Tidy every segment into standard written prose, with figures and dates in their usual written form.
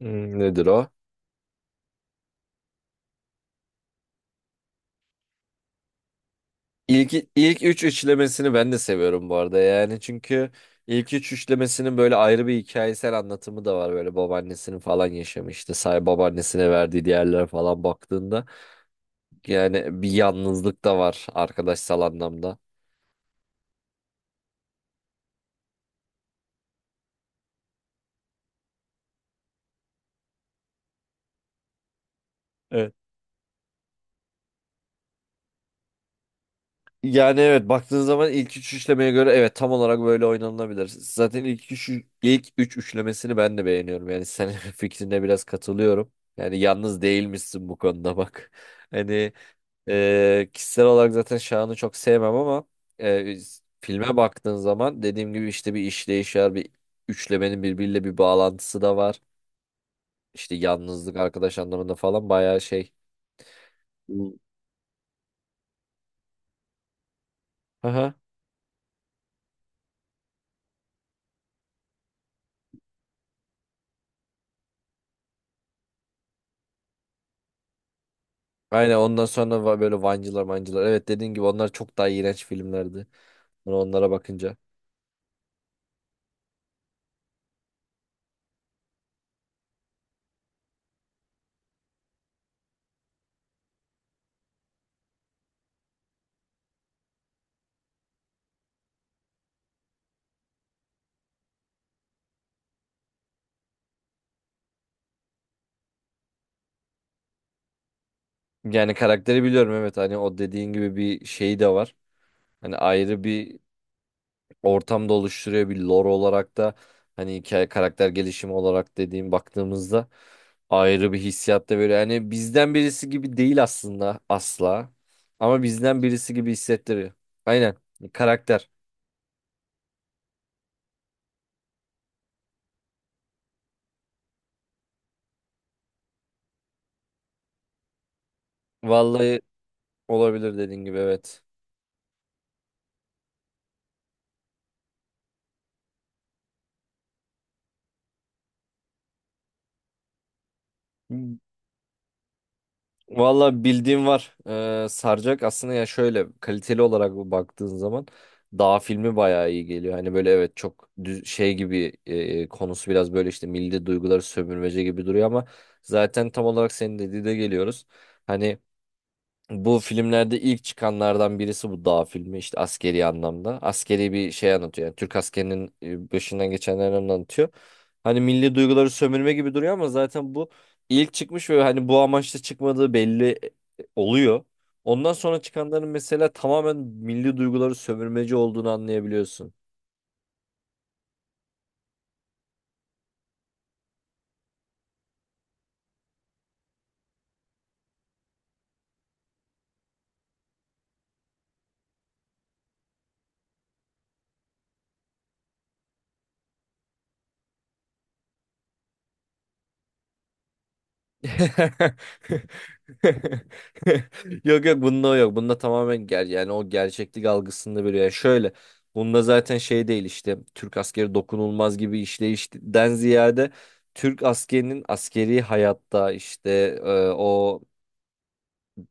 Nedir o? İlk üç üçlemesini ben de seviyorum bu arada yani çünkü ilk üç üçlemesinin böyle ayrı bir hikayesel anlatımı da var böyle babaannesinin falan yaşamıştı işte say babaannesine verdiği diğerlere falan baktığında yani bir yalnızlık da var arkadaşsal anlamda. Evet. Yani evet baktığın zaman ilk üç üçlemeye göre evet tam olarak böyle oynanılabilir. Zaten ilk üç üçlemesini ben de beğeniyorum yani senin fikrine biraz katılıyorum. Yani yalnız değilmişsin bu konuda bak. Hani kişisel olarak zaten Şahan'ı çok sevmem ama e, filme baktığın zaman dediğim gibi işte bir işleyiş var, bir üçlemenin birbiriyle bir bağlantısı da var. İşte yalnızlık arkadaş anlamında falan bayağı şey. Hmm. Aha. Aynen ondan sonra böyle Vancılar Mancılar. Evet, dediğin gibi onlar çok daha iğrenç filmlerdi. Sonra onlara bakınca. Yani karakteri biliyorum, evet, hani o dediğin gibi bir şey de var. Hani ayrı bir ortamda oluşturuyor, bir lore olarak da hani hikaye karakter gelişimi olarak dediğim baktığımızda ayrı bir hissiyat da böyle, yani bizden birisi gibi değil aslında asla ama bizden birisi gibi hissettiriyor. Aynen, karakter. Vallahi olabilir dediğin gibi, evet. Valla bildiğim var. Saracak aslında ya, şöyle kaliteli olarak baktığın zaman Dağ filmi bayağı iyi geliyor. Hani böyle evet, çok düz, şey gibi konusu biraz böyle işte milli duyguları sömürmece gibi duruyor ama zaten tam olarak senin dediğine geliyoruz. Hani bu filmlerde ilk çıkanlardan birisi bu dağ filmi, işte askeri anlamda. Askeri bir şey anlatıyor. Yani Türk askerinin başından geçenlerini anlatıyor. Hani milli duyguları sömürme gibi duruyor ama zaten bu ilk çıkmış ve hani bu amaçla çıkmadığı belli oluyor. Ondan sonra çıkanların mesela tamamen milli duyguları sömürmeci olduğunu anlayabiliyorsun. Yok, yok, bunda o yok. Bunda tamamen yani o gerçeklik algısında böyle, yani şöyle bunda zaten şey değil, işte Türk askeri dokunulmaz gibi işleyişten ziyade Türk askerinin askeri hayatta işte o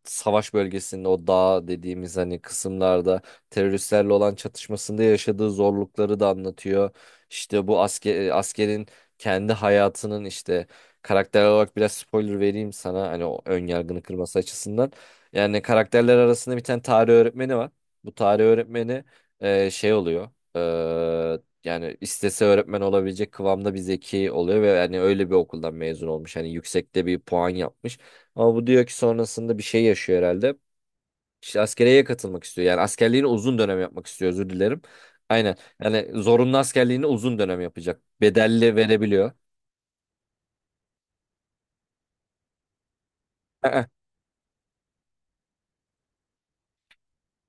savaş bölgesinde, o dağ dediğimiz hani kısımlarda teröristlerle olan çatışmasında yaşadığı zorlukları da anlatıyor. İşte bu asker, askerin kendi hayatının işte karakter olarak, biraz spoiler vereyim sana hani, o ön yargını kırması açısından. Yani karakterler arasında bir tane tarih öğretmeni var. Bu tarih öğretmeni şey oluyor. Yani istese öğretmen olabilecek kıvamda bir zeki oluyor ve yani öyle bir okuldan mezun olmuş. Hani yüksekte bir puan yapmış. Ama bu diyor ki sonrasında bir şey yaşıyor herhalde. İşte askeriyeye katılmak istiyor. Yani askerliğini uzun dönem yapmak istiyor, özür dilerim. Aynen. Yani zorunlu askerliğini uzun dönem yapacak. Bedelli verebiliyor. Aa,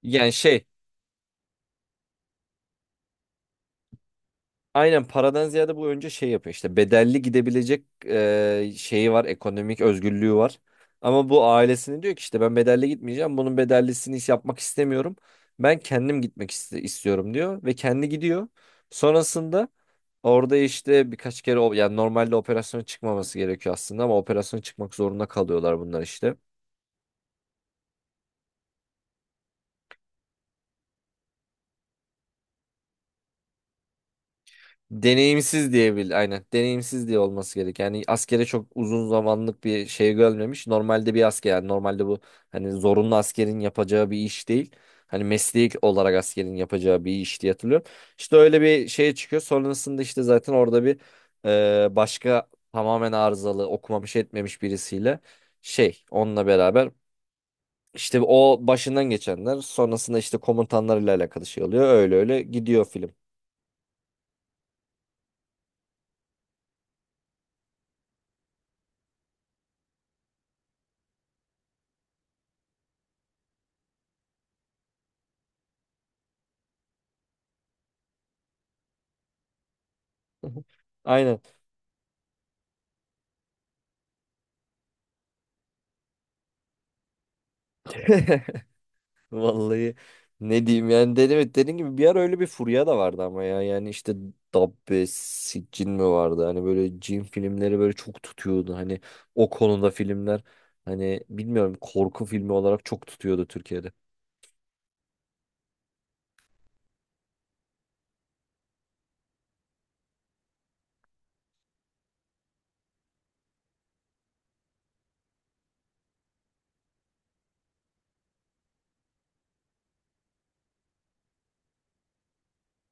yani şey, aynen paradan ziyade bu önce şey yapıyor. İşte bedelli gidebilecek şeyi var. Ekonomik özgürlüğü var. Ama bu ailesine diyor ki işte ben bedelli gitmeyeceğim. Bunun bedellisini hiç yapmak istemiyorum. Ben kendim gitmek istiyorum diyor. Ve kendi gidiyor. Sonrasında orada işte birkaç kere yani normalde operasyon çıkmaması gerekiyor aslında ama operasyon çıkmak zorunda kalıyorlar bunlar işte. Deneyimsiz diye bil, aynen, deneyimsiz diye olması gerek. Yani askere çok uzun zamanlık bir şey görmemiş. Normalde bir asker, yani normalde bu hani zorunlu askerin yapacağı bir iş değil. Hani mesleki olarak askerin yapacağı bir iş diye hatırlıyorum. İşte öyle bir şeye çıkıyor. Sonrasında işte zaten orada bir başka tamamen arızalı, okumamış etmemiş birisiyle şey, onunla beraber. İşte o başından geçenler sonrasında işte komutanlarıyla alakalı şey oluyor. Öyle öyle gidiyor film. Hı hı. Aynen. Vallahi ne diyeyim, yani dedim, evet, dediğim gibi bir ara öyle bir furya da vardı ama ya, yani işte Dabbe, cin mi vardı, hani böyle cin filmleri böyle çok tutuyordu, hani o konuda filmler, hani bilmiyorum, korku filmi olarak çok tutuyordu Türkiye'de.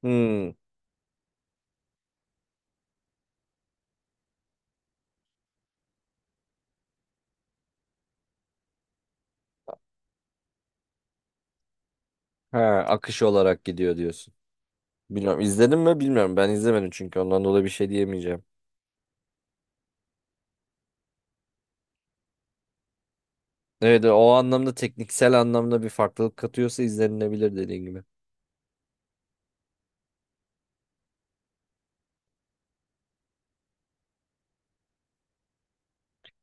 Hmm. Ha, akış olarak gidiyor diyorsun. Bilmiyorum, izledim mi bilmiyorum, ben izlemedim çünkü ondan dolayı bir şey diyemeyeceğim. Evet, o anlamda, tekniksel anlamda bir farklılık katıyorsa izlenilebilir dediğin gibi.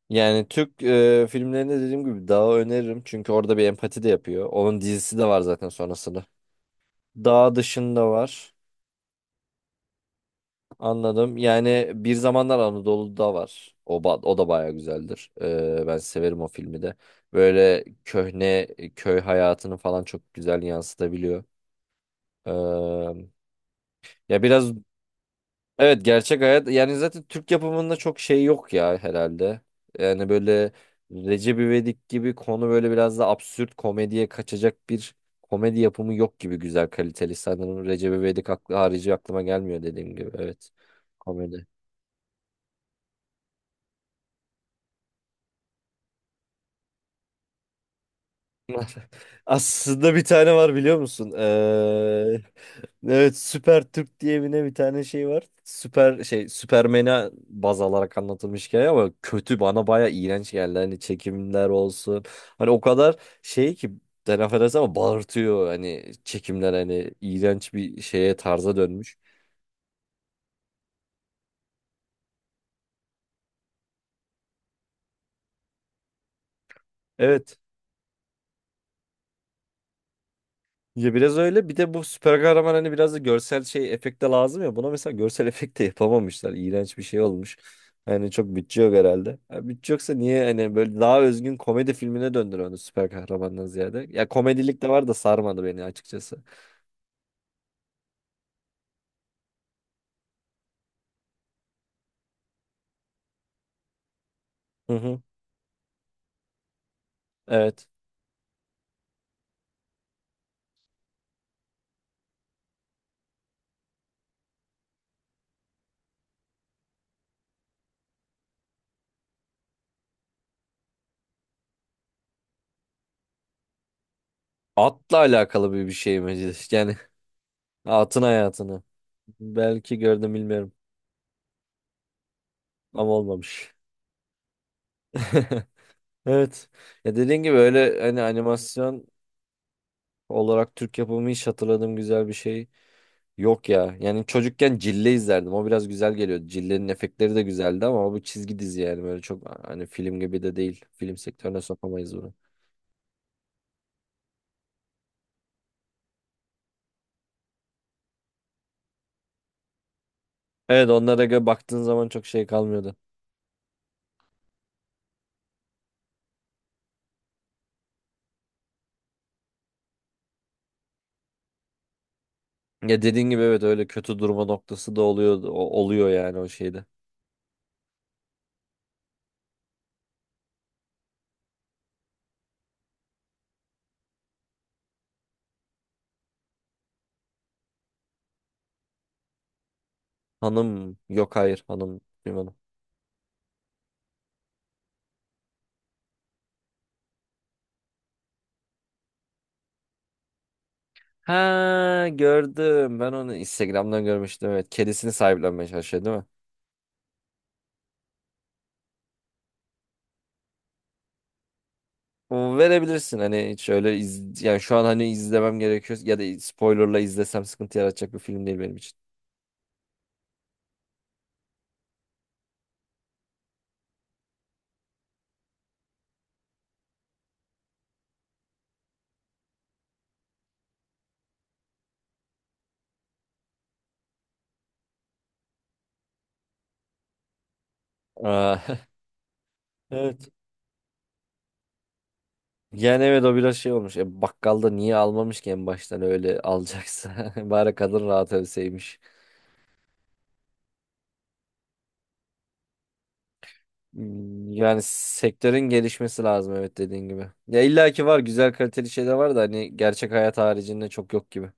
Yani Türk filmlerinde dediğim gibi Dağ'ı öneririm. Çünkü orada bir empati de yapıyor. Onun dizisi de var zaten sonrasında. Dağ dışında var. Anladım. Yani Bir Zamanlar Anadolu'da var. O, o da bayağı güzeldir. Ben severim o filmi de. Böyle köhne köy hayatını falan çok güzel yansıtabiliyor. E, Ya biraz. Evet, gerçek hayat, yani zaten Türk yapımında çok şey yok ya herhalde. Yani böyle Recep İvedik gibi konu, böyle biraz da absürt komediye kaçacak bir komedi yapımı yok gibi güzel kaliteli. Sanırım Recep İvedik aklı harici aklıma gelmiyor, dediğim gibi, evet, komedi. Aslında bir tane var, biliyor musun? Evet, Süper Türk diye bir tane şey var. Süper şey, Süpermen'e baz alarak anlatılmış hikaye ama kötü, bana baya iğrenç geldi. Hani çekimler olsun. Hani o kadar şey ki ben affedersin ama bağırtıyor, hani çekimler hani iğrenç bir şeye, tarza dönmüş. Evet. Ya biraz öyle. Bir de bu süper kahraman hani biraz da görsel şey efekte lazım ya. Buna mesela görsel efekte yapamamışlar. İğrenç bir şey olmuş. Yani çok bütçe yok herhalde. Ya bütçe yoksa niye hani böyle daha özgün komedi filmine döndür onu süper kahramandan ziyade. Ya komedilik de var da sarmadı beni açıkçası. Hı hı. Evet. Atla alakalı bir şey mi? Yani atın hayatını. Belki gördüm bilmiyorum. Ama olmamış. Evet. Ya dediğin gibi öyle hani animasyon olarak Türk yapımı hiç hatırladığım güzel bir şey yok ya. Yani çocukken Cille izlerdim. O biraz güzel geliyordu. Cille'nin efektleri de güzeldi ama bu çizgi dizi, yani böyle çok hani film gibi de değil. Film sektörüne sokamayız bunu. Evet, onlara göre baktığın zaman çok şey kalmıyordu. Ya dediğin gibi evet, öyle kötü durma noktası da oluyor yani, o şeyde. Hanım yok, hayır, hanım duymadım. Ha, gördüm. Ben onu Instagram'dan görmüştüm, evet. Kedisini sahiplenmeye çalışıyor değil mi? O verebilirsin, hani hiç öyle yani şu an hani izlemem gerekiyor ya da spoilerla izlesem sıkıntı yaratacak bir film değil benim için. Aa, evet. Yani evet o biraz şey olmuş. Bakkalda niye almamış ki en baştan öyle alacaksa? Bari kadın rahat ölseymiş. Yani sektörün gelişmesi lazım, evet, dediğin gibi. Ya illaki var, güzel kaliteli şeyler var da hani gerçek hayat haricinde çok yok gibi.